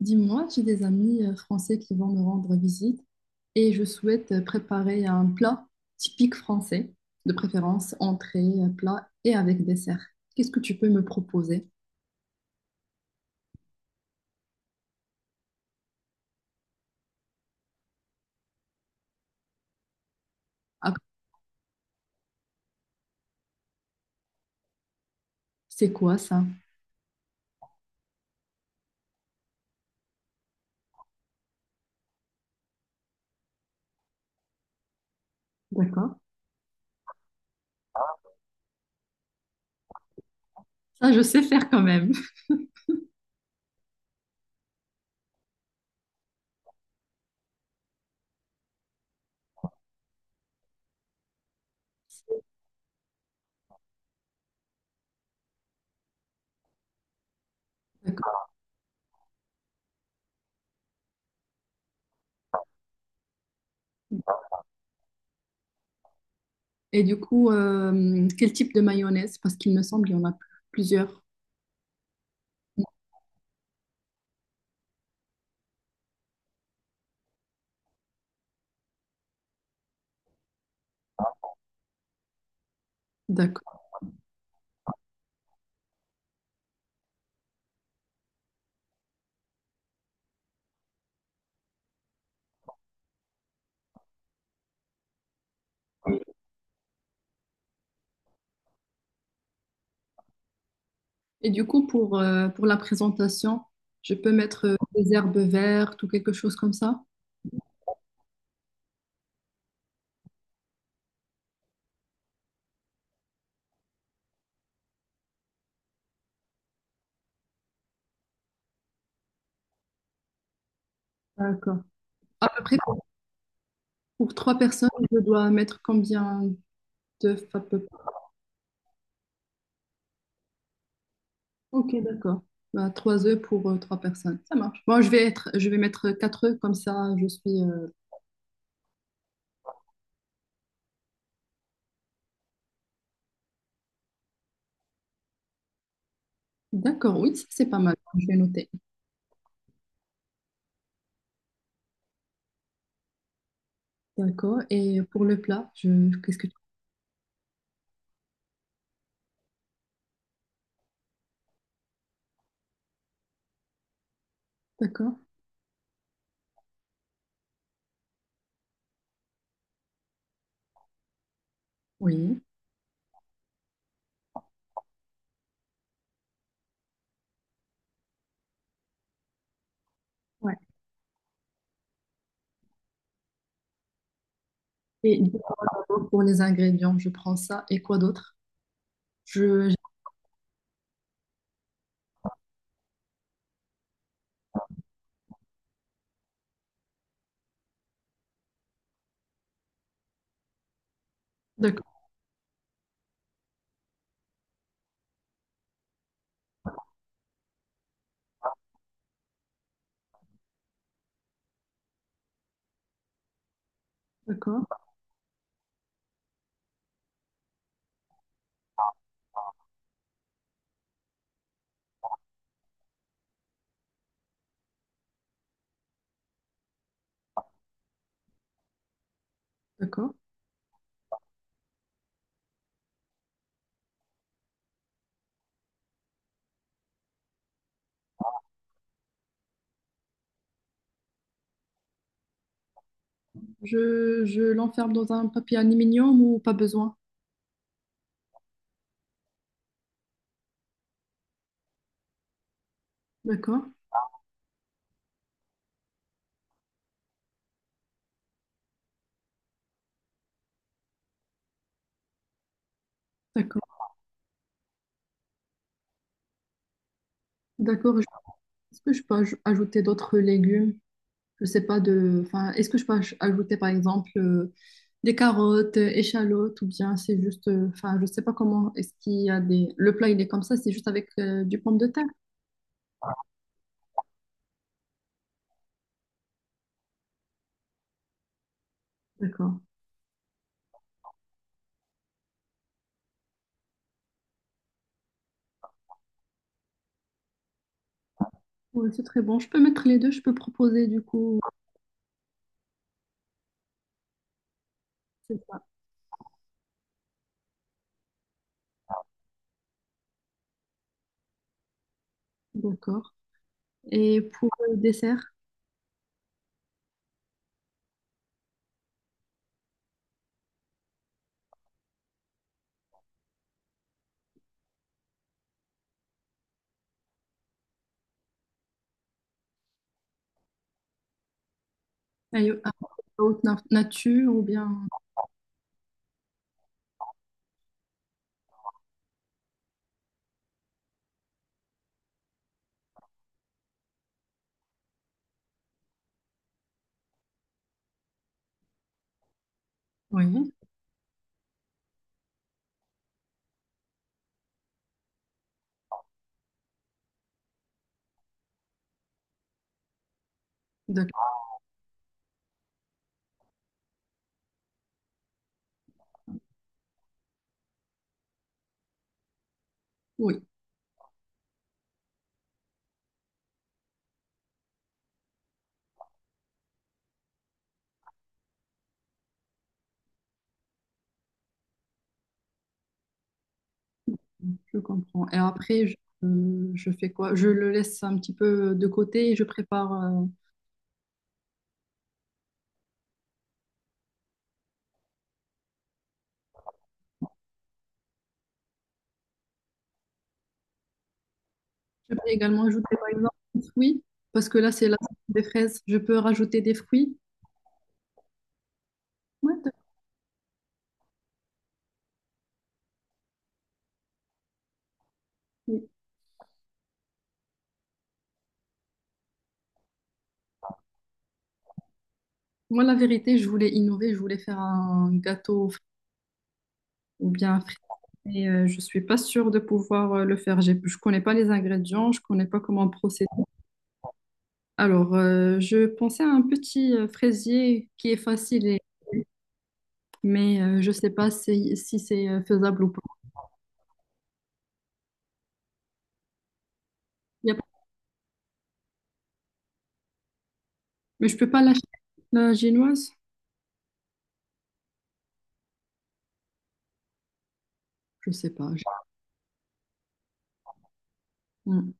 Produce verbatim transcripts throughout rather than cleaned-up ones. Dis-moi, j'ai des amis euh, français qui vont me rendre visite et je souhaite euh, préparer un plat typique français, de préférence entrée, euh, plat et avec dessert. Qu'est-ce que tu peux me proposer? Ah, c'est quoi ça? D'accord. Ça, je sais faire quand même. D'accord. Et du coup, euh, quel type de mayonnaise? Parce qu'il me semble qu'il y en a plusieurs. D'accord. Et du coup, pour, euh, pour la présentation, je peux mettre euh, des herbes vertes ou quelque chose comme ça? D'accord. À peu près. Pour trois personnes, je dois mettre combien d'œufs à peu près? Ok, d'accord. Bah, trois œufs pour euh, trois personnes. Ça marche. Bon, je vais être, je vais mettre quatre œufs, comme ça je suis. euh, D'accord, oui, ça, c'est pas mal. Je vais noter. D'accord. Et pour le plat, je... qu'est-ce que tu. D'accord. Oui. Ouais. Et d'abord, pour les ingrédients, je prends ça. Et quoi d'autre? Je... D'accord, d'accord, d'accord. Je, je l'enferme dans un papier aluminium ou pas besoin? D'accord, d'accord, d'accord. Je- Est-ce que je peux aj- ajouter d'autres légumes? Je sais pas de, enfin, est-ce que je peux aj- ajouter par exemple euh, des carottes, euh, échalotes ou bien c'est juste, euh, enfin, je sais pas comment. Est-ce qu'il y a des, Le plat il est comme ça, c'est juste avec euh, du pomme de terre. D'accord. Oui, c'est très bon. Je peux mettre les deux. Je peux proposer du coup. C'est ça. D'accord. Et pour le dessert, aïe- ah, haute na- nature ou bien. Oui. D'accord. Oui. Je comprends. Et après, je, euh, je fais quoi? Je le laisse un petit peu de côté et je prépare. euh, Je peux également ajouter par exemple des fruits, parce que là c'est la saison des fraises. Je peux rajouter des fruits. Ouais, de- oui. Moi la vérité, je voulais innover, je voulais faire un gâteau ou bien un frit, mais euh, je suis pas sûre de pouvoir euh, le faire. J'ai- Je connais pas les ingrédients, je connais pas comment procéder. Alors euh, je pensais à un petit euh, fraisier qui est facile, et- mais euh, je sais pas si, si c'est euh, faisable ou pas. y a- Mais je peux pas l'acheter. La génoise? Je sais pas. Je- Hmm.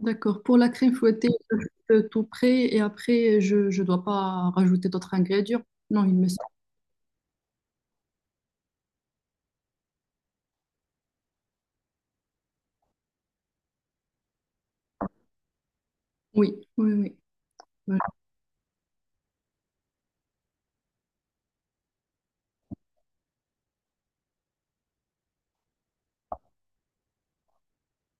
D'accord. Pour la crème fouettée, je fais tout prêt et après, je ne dois pas rajouter d'autres ingrédients. Non, il me semble. Oui, oui, oui. Voilà.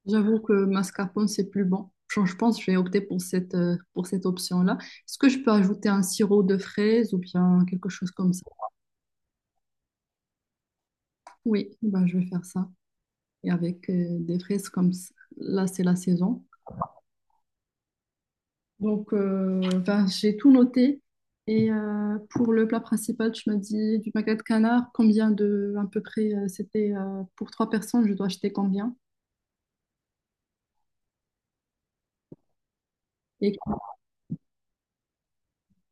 J'avoue que mascarpone, c'est plus bon. Je je pense que je vais opter pour cette, euh, pour cette option-là. Est-ce que je peux ajouter un sirop de fraises ou bien quelque chose comme ça? Oui, ben, je vais faire ça. Et avec euh, des fraises comme ça, là, c'est la saison. Donc, euh, ben, j'ai tout noté. Et euh, pour le plat principal, tu m'as dit du magret de canard. Combien de, à peu près, euh, c'était euh, pour trois personnes, je dois acheter combien? Et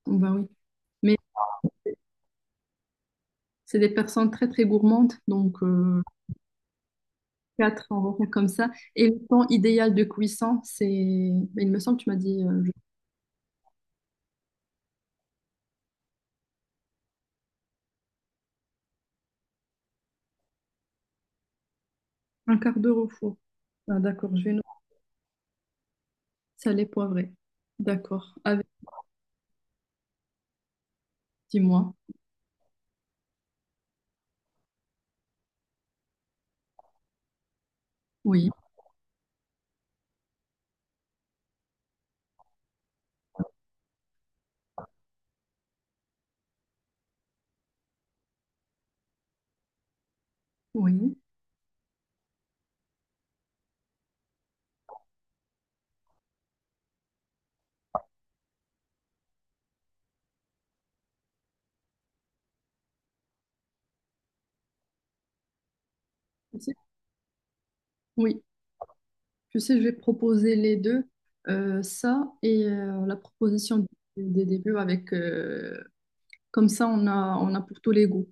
ben oui. Mais c'est des personnes très très gourmandes, donc euh, quatre en repas comme ça. Et le temps idéal de cuisson, c'est, ben, il me semble, que tu m'as dit euh, un quart d'heure au four. Ah, d'accord, je vais noter salé poivré. D'accord. Avec, dis-moi. Oui, oui. Oui. Tu sais, je vais proposer les deux, euh, ça et euh, la proposition du- des débuts avec euh, comme ça on a on a pour tous les goûts.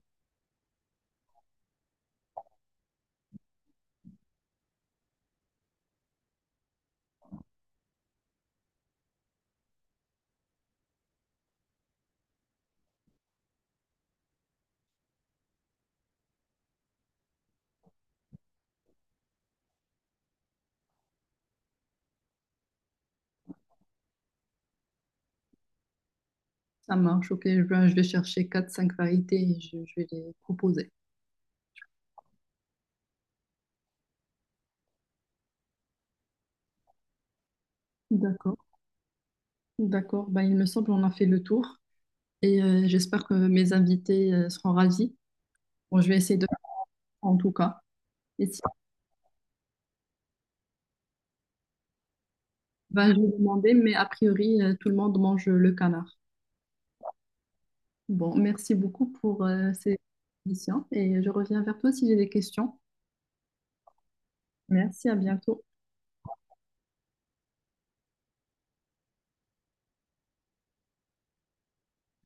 Ça marche, ok. Je vais, je vais chercher quatre cinq variétés et je, je vais les proposer. D'accord, d'accord. Ben, il me semble qu'on a fait le tour et euh, j'espère que mes invités euh, seront ravis. Bon, je vais essayer de faire en tout cas. Et si, ben, je vais demander, mais a priori, euh, tout le monde mange le canard. Bon, merci beaucoup pour euh, ces questions et je reviens vers toi si j'ai des questions. Merci, à bientôt.